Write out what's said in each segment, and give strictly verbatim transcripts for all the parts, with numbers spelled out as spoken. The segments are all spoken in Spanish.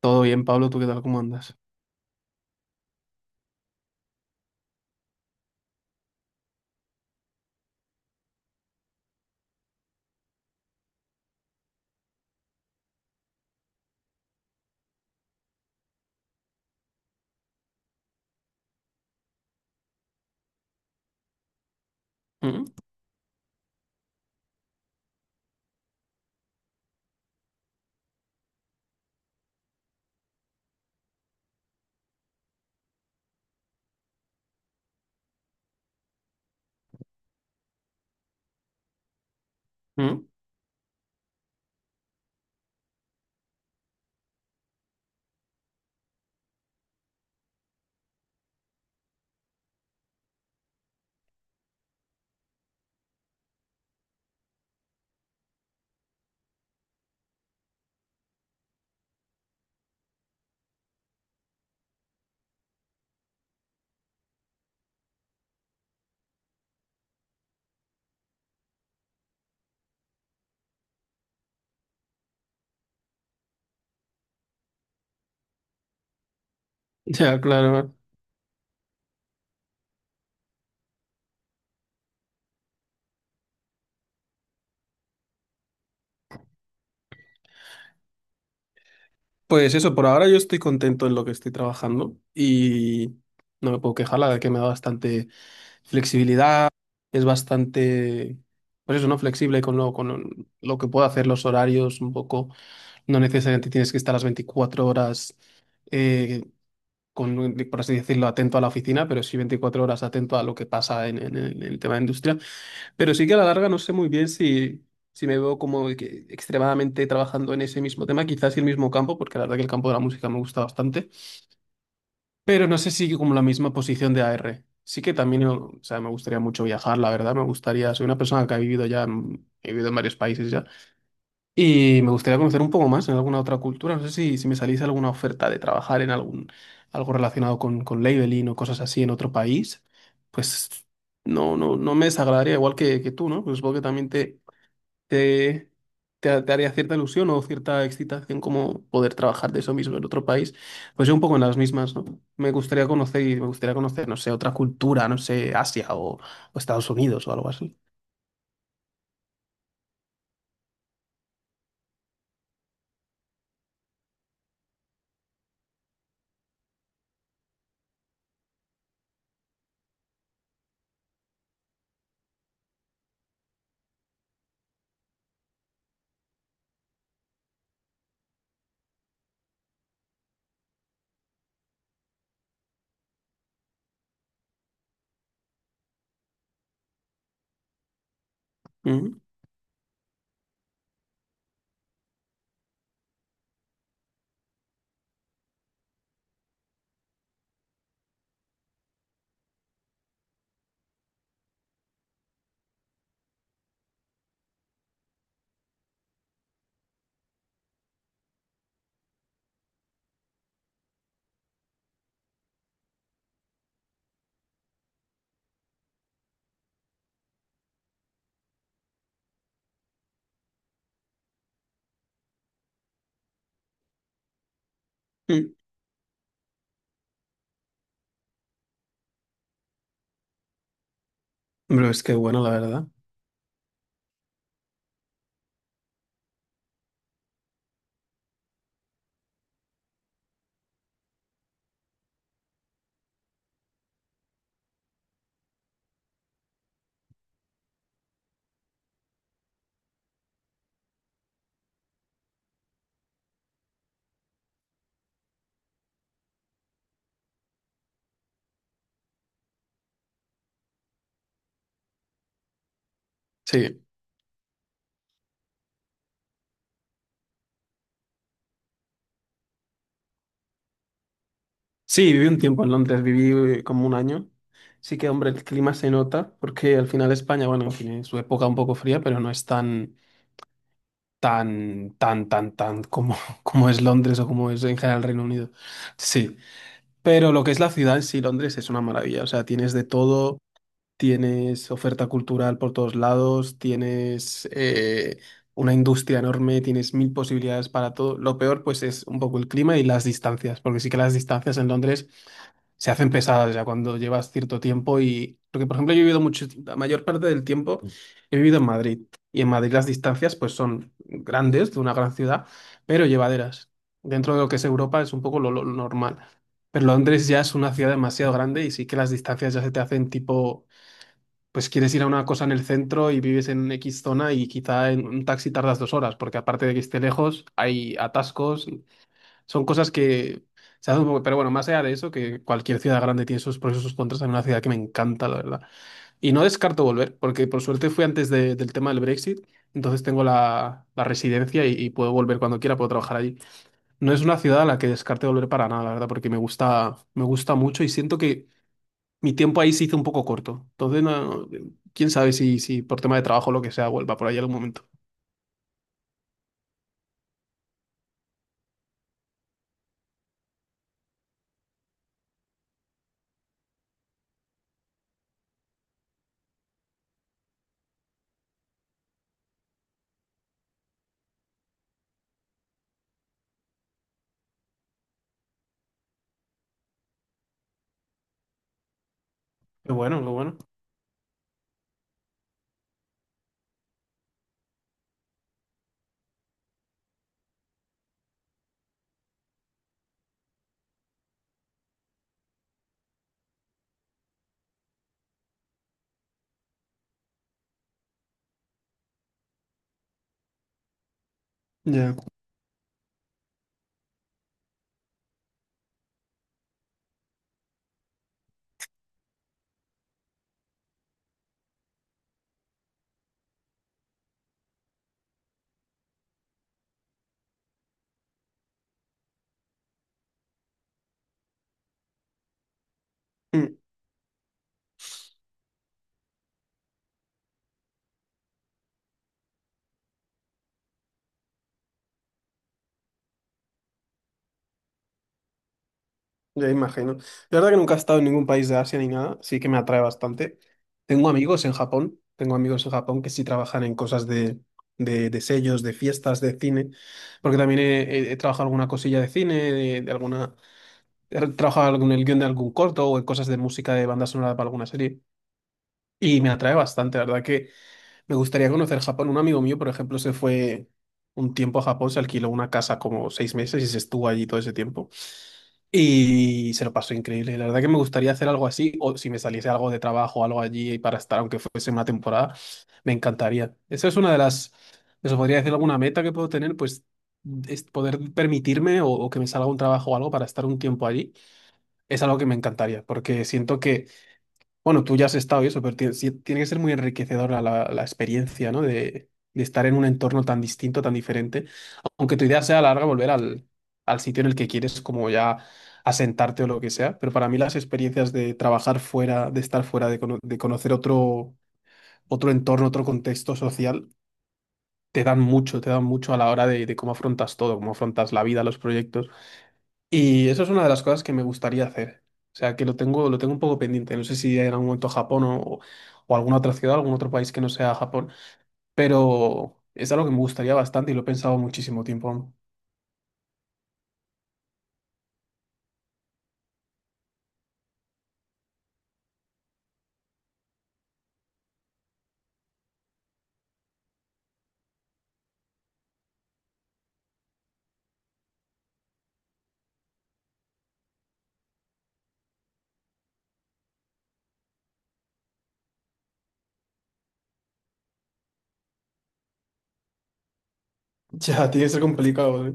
Todo bien, Pablo, ¿tú qué tal? ¿Cómo andas? ¿Mm? ¿Mm? Sí. Ya, claro. Pues eso, por ahora yo estoy contento en lo que estoy trabajando y no me puedo quejar, la verdad que me da bastante flexibilidad, es bastante, pues eso, ¿no? Flexible con lo, con lo que puedo hacer, los horarios un poco, no necesariamente tienes que estar las veinticuatro horas, eh, con, por así decirlo, atento a la oficina, pero sí veinticuatro horas atento a lo que pasa en, en el en el tema de industria. Pero sí que a la larga no sé muy bien si, si me veo como que extremadamente trabajando en ese mismo tema, quizás el mismo campo, porque la verdad que el campo de la música me gusta bastante, pero no sé si como la misma posición de A R. Sí que también, o sea, me gustaría mucho viajar, la verdad, me gustaría, soy una persona que ha vivido ya, en- he vivido en varios países ya, y me gustaría conocer un poco más en alguna otra cultura, no sé si, si me salís alguna oferta de trabajar en algún, algo relacionado con, con labeling o cosas así en otro país, pues... No, no, no me desagradaría, igual que, que tú, ¿no? Pues supongo que también te, te, te, te haría cierta ilusión o cierta excitación como poder trabajar de eso mismo en otro país. Pues yo un poco en las mismas, ¿no? Me gustaría conocer y me gustaría conocer, no sé, otra cultura, no sé, Asia o, o Estados Unidos o algo así. Ujú. Mm. Pero es que bueno, la verdad. Sí. Sí, viví un tiempo en Londres, viví eh, como un año. Sí que, hombre, el clima se nota porque al final España, bueno, tiene su época un poco fría, pero no es tan, tan, tan, tan, tan como, como es Londres o como es en general el Reino Unido. Sí. Pero lo que es la ciudad en sí, Londres, es una maravilla. O sea, tienes de todo, tienes oferta cultural por todos lados, tienes eh, una industria enorme, tienes mil posibilidades para todo. Lo peor, pues, es un poco el clima y las distancias, porque sí que las distancias en Londres se hacen pesadas ya cuando llevas cierto tiempo y porque por ejemplo yo he vivido mucho la mayor parte del tiempo he vivido en Madrid y en Madrid las distancias pues son grandes de una gran ciudad pero llevaderas dentro de lo que es Europa es un poco lo, lo normal pero Londres ya es una ciudad demasiado grande y sí que las distancias ya se te hacen tipo pues quieres ir a una cosa en el centro y vives en X zona y quizá en un taxi tardas dos horas porque aparte de que esté lejos hay atascos son cosas que se hacen un poco, pero bueno, más allá de eso, que cualquier ciudad grande tiene sus pros y sus contras, en una ciudad que me encanta, la verdad. Y no descarto volver, porque por suerte fui antes de- del tema del Brexit, entonces tengo la, la residencia y, y puedo volver cuando quiera, puedo trabajar allí. No es una ciudad a la que descarte volver para nada, la verdad, porque me gusta, me gusta mucho y siento que mi tiempo ahí se hizo un poco corto. Entonces, no- quién sabe si, si por tema de trabajo o lo que sea vuelva por ahí algún momento. Lo bueno, lo bueno. Ya. Ya imagino. La verdad que nunca he estado en ningún país de Asia ni nada, sí que me atrae bastante. Tengo amigos en Japón, tengo amigos en Japón que sí trabajan en cosas de, de, de sellos, de fiestas, de cine, porque también he, he- he trabajado alguna cosilla de cine, de, de alguna, he trabajado algún- el guión de algún corto o en cosas de música de banda sonora para alguna serie. Y me atrae bastante, la verdad que me gustaría conocer Japón. Un amigo mío, por ejemplo, se fue un tiempo a Japón, se alquiló una casa como seis meses y se estuvo allí todo ese tiempo. Y se lo pasó increíble. La verdad que me gustaría hacer algo así, o si me saliese algo de trabajo, algo allí para estar, aunque fuese una temporada, me encantaría. Esa es una de las, eso podría decir alguna meta que puedo tener, pues es poder permitirme o, o que me salga un trabajo o algo para estar un tiempo allí. Es algo que me encantaría, porque siento que bueno, tú ya has estado y eso, pero tiene, sí- tiene que ser muy enriquecedora la, la experiencia, ¿no? De, de estar en un entorno tan distinto, tan diferente. Aunque tu idea sea a la larga, volver al, al sitio en el que quieres, como ya asentarte o lo que sea. Pero para mí las experiencias de trabajar fuera, de estar fuera, de, cono- de conocer otro, otro entorno, otro contexto social, te dan mucho, te dan mucho a la hora de, de cómo afrontas todo, cómo afrontas la vida, los proyectos. Y eso es una de las cosas que me gustaría hacer. O sea, que lo tengo, lo tengo un poco pendiente. No sé si en algún momento Japón o, o alguna otra ciudad, algún otro país que no sea Japón. Pero es algo que me gustaría bastante y lo he pensado muchísimo tiempo. Ya, tiene que ser complicado, ¿eh?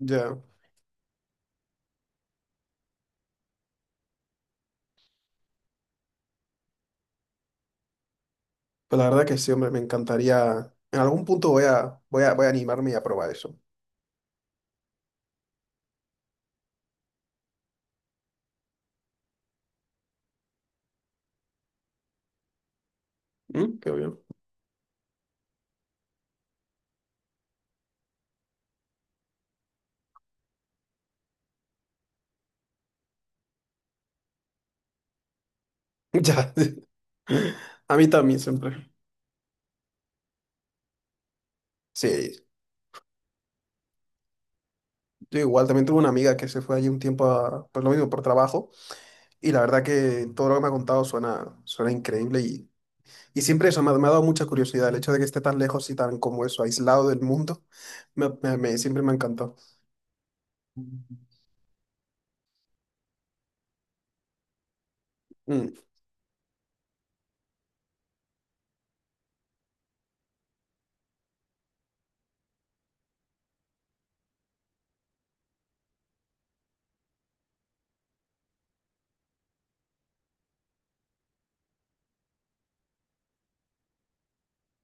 Ya, pues la verdad que sí, hombre, me encantaría. En algún punto voy a, voy a, voy a animarme y a probar eso. Mm, qué bien. Ya, a mí también siempre. Sí, yo igual, también tuve una amiga que se fue allí un tiempo, a- pues lo mismo, por trabajo. Y la verdad que todo lo que me ha contado suena, suena increíble y, y siempre eso me, ha me ha dado mucha curiosidad. El hecho de que esté tan lejos y tan como eso, aislado del mundo, me, me- me- siempre me ha encantado. Mm.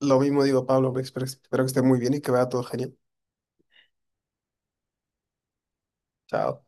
Lo mismo digo, Pablo, pues, espero espero que esté muy bien y que vaya todo genial. Chao.